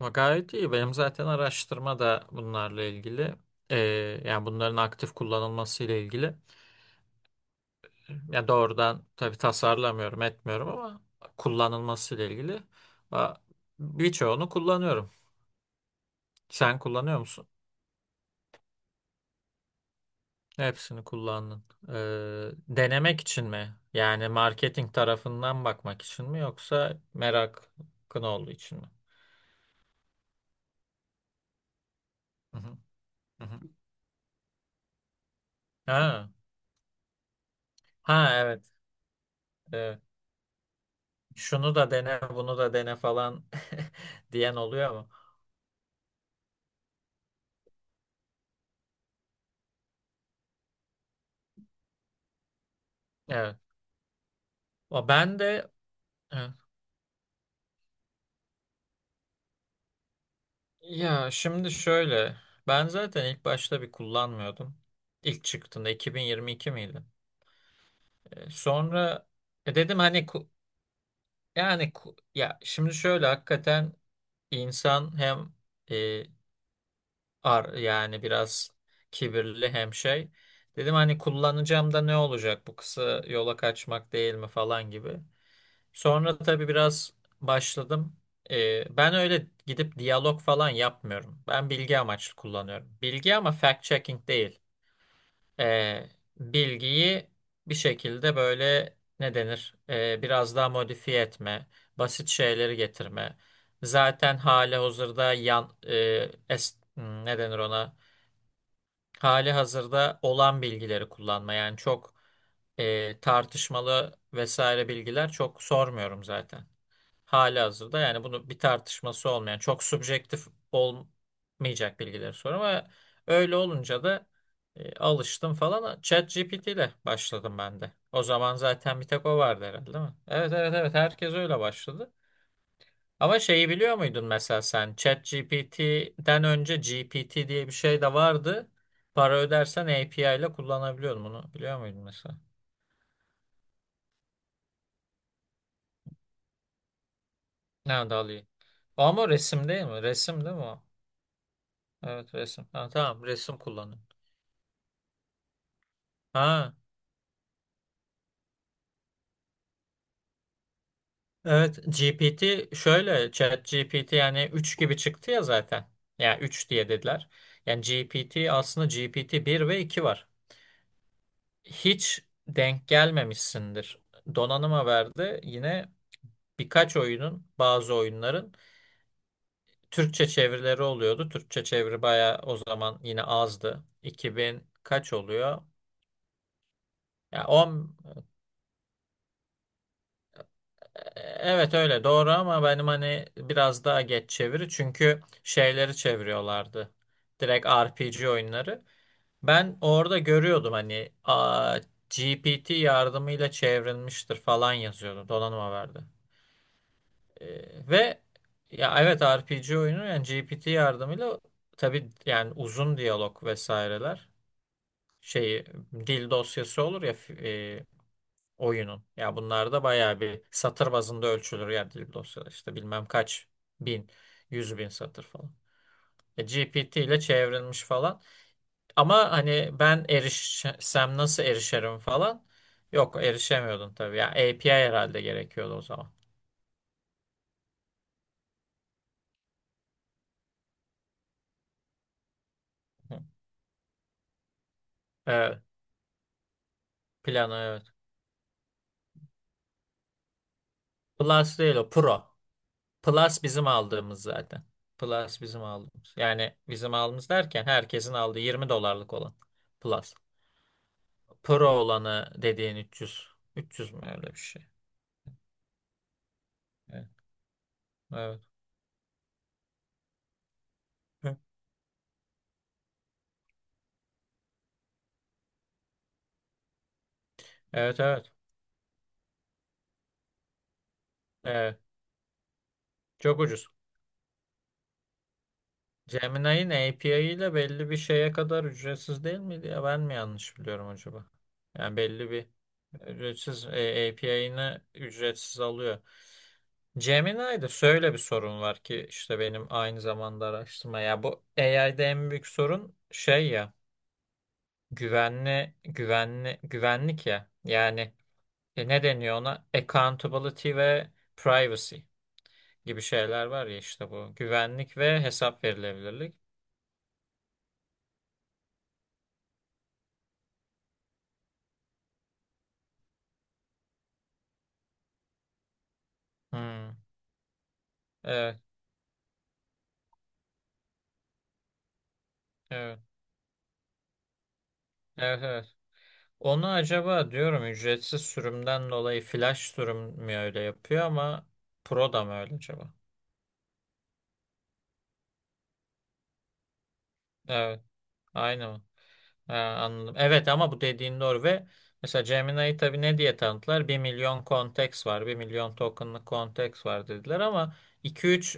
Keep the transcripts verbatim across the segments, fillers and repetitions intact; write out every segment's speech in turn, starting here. Ama gayet iyi. Benim zaten araştırma da bunlarla ilgili. Ee, Yani bunların aktif kullanılması ile ilgili. Yani doğrudan tabii tasarlamıyorum, etmiyorum ama kullanılması ile ilgili. Ba- Birçoğunu kullanıyorum. Sen kullanıyor musun? Hepsini kullandın. Ee, denemek için mi? Yani marketing tarafından bakmak için mi yoksa merakın olduğu için mi? Hı hı, hı hı. Ha, ha, evet. Evet. Şunu da dene, bunu da dene falan diyen oluyor mu? Evet. O ben de evet. Ya şimdi şöyle, ben zaten ilk başta bir kullanmıyordum. İlk çıktığında iki bin yirmi iki miydi? E, Sonra e, dedim hani ku- yani ku- ya şimdi şöyle, hakikaten insan hem e, ar yani biraz kibirli hem şey. Dedim hani kullanacağım da ne olacak, bu kısa yola kaçmak değil mi falan gibi. Sonra tabii biraz başladım. Ee, ben öyle gidip diyalog falan yapmıyorum. Ben bilgi amaçlı kullanıyorum. Bilgi ama fact-checking değil. Ee, Bilgiyi bir şekilde böyle ne denir? Ee, biraz daha modifiye etme, basit şeyleri getirme. Zaten hali hazırda yan, e, es- hmm, ne denir ona? Hali hazırda olan bilgileri kullanma. Yani çok e, tartışmalı vesaire bilgiler çok sormuyorum zaten. Halihazırda yani bunu bir tartışması olmayan, çok subjektif olmayacak bilgileri sor ama öyle olunca da e, alıştım falan. ChatGPT ile başladım ben de. O zaman zaten bir tek o vardı herhalde, değil mi? Evet, evet, evet, herkes öyle başladı. Ama şeyi biliyor muydun, mesela sen ChatGPT'den önce G P T diye bir şey de vardı. Para ödersen A P I ile kullanabiliyordun, bunu biliyor muydun mesela? Nerede alayım? Ama resim değil mi? Resim değil mi o? Evet, resim. Ha, tamam, resim kullanıyor. Ha, evet, G P T şöyle, chat G P T yani üç gibi çıktı ya zaten. Yani üç diye dediler. Yani G P T, aslında G P T bir ve iki var. Hiç denk gelmemişsindir. Donanıma verdi yine birkaç oyunun, bazı oyunların Türkçe çevirileri oluyordu. Türkçe çeviri bayağı o zaman yine azdı. İki bin kaç oluyor? Ya evet, öyle doğru ama benim hani biraz daha geç çeviri, çünkü şeyleri çeviriyorlardı. Direkt R P G oyunları. Ben orada görüyordum hani, aa, G P T yardımıyla çevrilmiştir falan yazıyordu. Donanım haberde. Ee, ve ya evet, R P G oyunu yani G P T yardımıyla, tabii yani uzun diyalog vesaireler şeyi, dil dosyası olur ya oyunun. Ya bunlar da bayağı bir satır bazında ölçülür ya, dil dosyaları işte bilmem kaç bin, yüz bin satır falan. E, G P T ile çevrilmiş falan. Ama hani ben erişsem nasıl erişerim falan. Yok, erişemiyordun tabii. Ya A P I herhalde gerekiyordu o zaman. Hı. Evet. Plano, evet. Plus değil o. Pro. Plus bizim aldığımız zaten. Plus bizim aldığımız. Yani bizim aldığımız derken herkesin aldığı yirmi dolarlık olan. Plus. Pro olanı dediğin üç yüz. üç yüz mü, öyle bir şey? Evet. Evet. Hı. Evet. Evet. Evet. Çok ucuz. Gemini'nin A P I ile belli bir şeye kadar ücretsiz değil miydi ya? Ben mi yanlış biliyorum acaba? Yani belli bir ücretsiz, A P I'ini ücretsiz alıyor. Gemini'de şöyle bir sorun var ki, işte benim aynı zamanda araştırma ya, bu A I'de en büyük sorun şey ya, güvenli güvenli güvenlik ya, yani e, ne deniyor ona? Accountability ve privacy gibi şeyler var ya, işte bu. Güvenlik ve hesap verilebilirlik. Hmm. Evet, evet, evet, evet. Onu acaba diyorum ücretsiz sürümden dolayı flash sürüm mü öyle yapıyor ama Pro da mı öyle acaba? Evet, aynı mı? Ha, anladım. Evet ama bu dediğin doğru ve mesela Gemini'yi tabii ne diye tanıttılar? Bir milyon konteks var, bir milyon tokenlık konteks var dediler ama iki üç,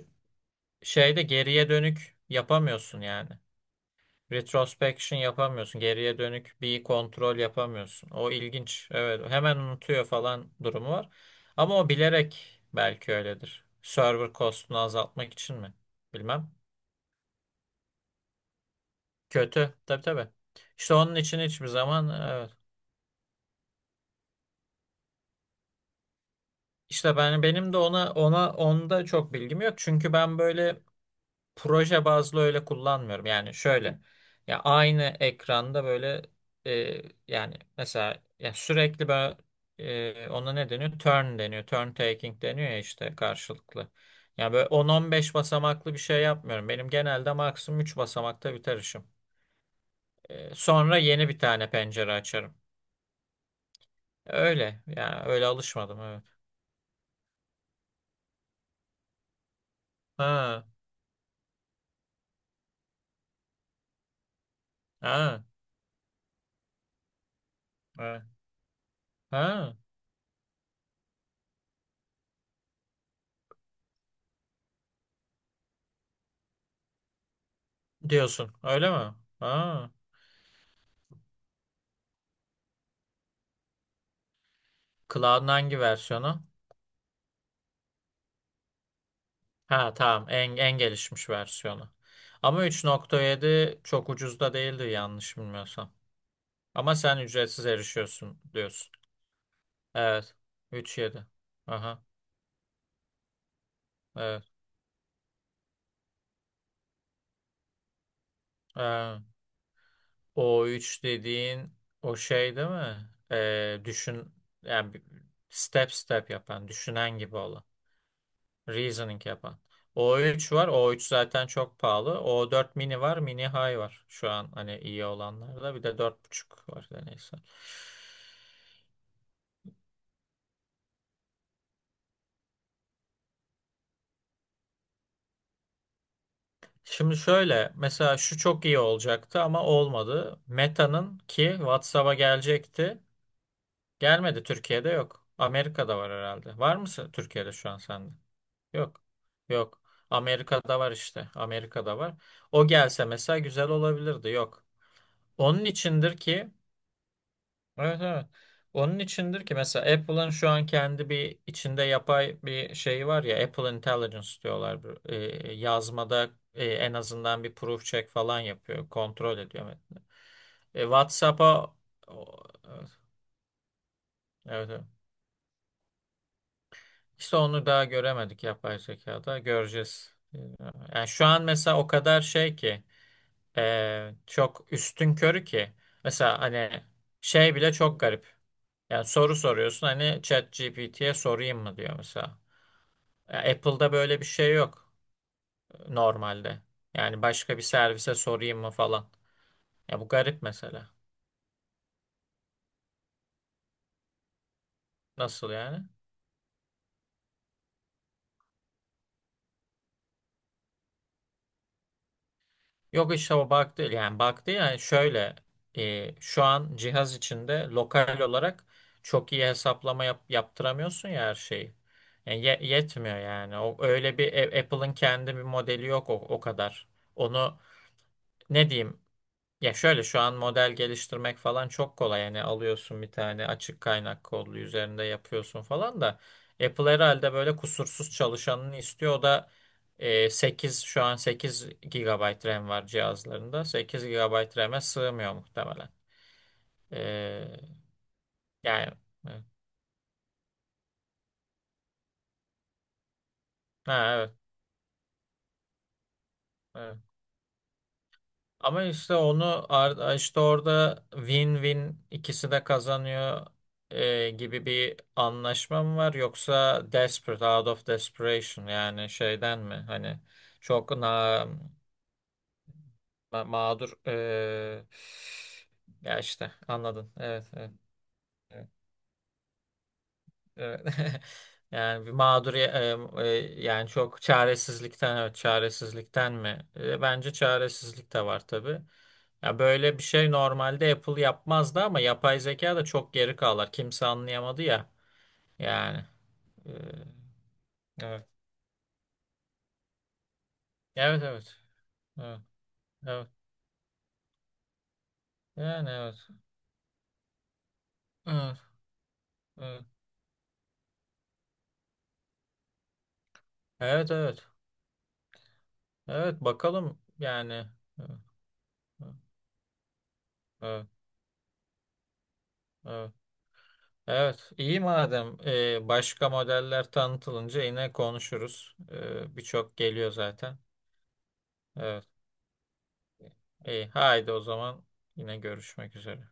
şeyde geriye dönük yapamıyorsun yani. Retrospection yapamıyorsun. Geriye dönük bir kontrol yapamıyorsun. O ilginç. Evet, hemen unutuyor falan durumu var. Ama o bilerek belki öyledir. Server cost'unu azaltmak için mi? Bilmem. Kötü. Tabii, tabii. İşte onun için hiçbir zaman evet. İşte ben, benim de ona ona onda çok bilgim yok. Çünkü ben böyle proje bazlı öyle kullanmıyorum. Yani şöyle, ya aynı ekranda böyle e, yani mesela ya sürekli böyle e, ona ne deniyor? Turn deniyor. Turn taking deniyor ya, işte karşılıklı. Ya böyle on on beş basamaklı bir şey yapmıyorum. Benim genelde maksimum üç basamakta biter işim. E, sonra yeni bir tane pencere açarım. Öyle. Yani öyle alışmadım, evet. Ha. Ha. Evet. Ha. Diyorsun. Öyle mi? Ha. Cloud'un hangi versiyonu? Ha, tamam, en, en gelişmiş versiyonu. Ama üç nokta yedi çok ucuz da değildi yanlış bilmiyorsam. Ama sen ücretsiz erişiyorsun diyorsun. Evet. Üç nokta yedi. Aha. Evet. Ee, O üç dediğin, o şey değil mi? Ee, düşün yani, bir- step step yapan, düşünen gibi olan. Reasoning yapan. O üç var. O üç zaten çok pahalı. O dört mini var. Mini high var. Şu an hani iyi olanlarda. Bir de dört buçuk var. Da neyse. Şimdi şöyle mesela, şu çok iyi olacaktı ama olmadı. Meta'nın ki WhatsApp'a gelecekti. Gelmedi, Türkiye'de yok. Amerika'da var herhalde. Var mısın Türkiye'de şu an sende? Yok. Yok. Amerika'da var işte. Amerika'da var. O gelse mesela güzel olabilirdi. Yok. Onun içindir ki, evet, evet. Onun içindir ki mesela Apple'ın şu an kendi bir içinde yapay bir şeyi var ya, Apple Intelligence diyorlar. Bu, e, yazmada e, en azından bir proof check falan yapıyor. Kontrol ediyor metni. E, WhatsApp'a, o- evet, evet. İşte onu daha göremedik yapay zekada. Göreceğiz. Yani şu an mesela o kadar şey ki, e, çok üstünkörü ki mesela hani şey bile çok garip. Yani soru soruyorsun hani, ChatGPT'ye sorayım mı diyor mesela. Ya Apple'da böyle bir şey yok e, normalde. Yani başka bir servise sorayım mı falan. Ya bu garip mesela. Nasıl yani? Yok işte, o bug değil. Yani bug değil, yani şöyle e, şu an cihaz içinde lokal olarak çok iyi hesaplama yap- yaptıramıyorsun ya her şeyi. Yani ye- yetmiyor yani. O öyle bir e- Apple'ın kendi bir modeli yok, o, o kadar. Onu ne diyeyim. Ya şöyle, şu an model geliştirmek falan çok kolay. Yani alıyorsun bir tane açık kaynak kodlu, üzerinde yapıyorsun falan da Apple herhalde böyle kusursuz çalışanını istiyor. O da e, sekiz şu an sekiz gigabayt RAM var cihazlarında. Sekiz gigabayt R A M'e sığmıyor muhtemelen. E, Yani evet. Ha, evet. Evet. Ama işte onu ar- işte orada win-win ikisi de kazanıyor e, gibi bir anlaşma mı var, yoksa desperate out of desperation yani şeyden mi, hani çok na ma- mağdur e, ya işte anladın, evet, evet, evet, evet. Yani bir mağdur, e, e, yani çok çaresizlikten, evet, çaresizlikten mi? E, bence çaresizlik de var tabii. Ya böyle bir şey normalde Apple yapmazdı ama yapay zeka da çok geri kalır. Kimse anlayamadı ya. Yani. e, evet. Evet, evet. Evet. Evet. Yani evet. Evet. Evet. Evet, evet. Evet, bakalım yani. Evet. Evet. Evet. Evet. İyi madem, e, başka modeller tanıtılınca yine konuşuruz. E, birçok geliyor zaten. Evet. İyi. Haydi o zaman yine görüşmek üzere.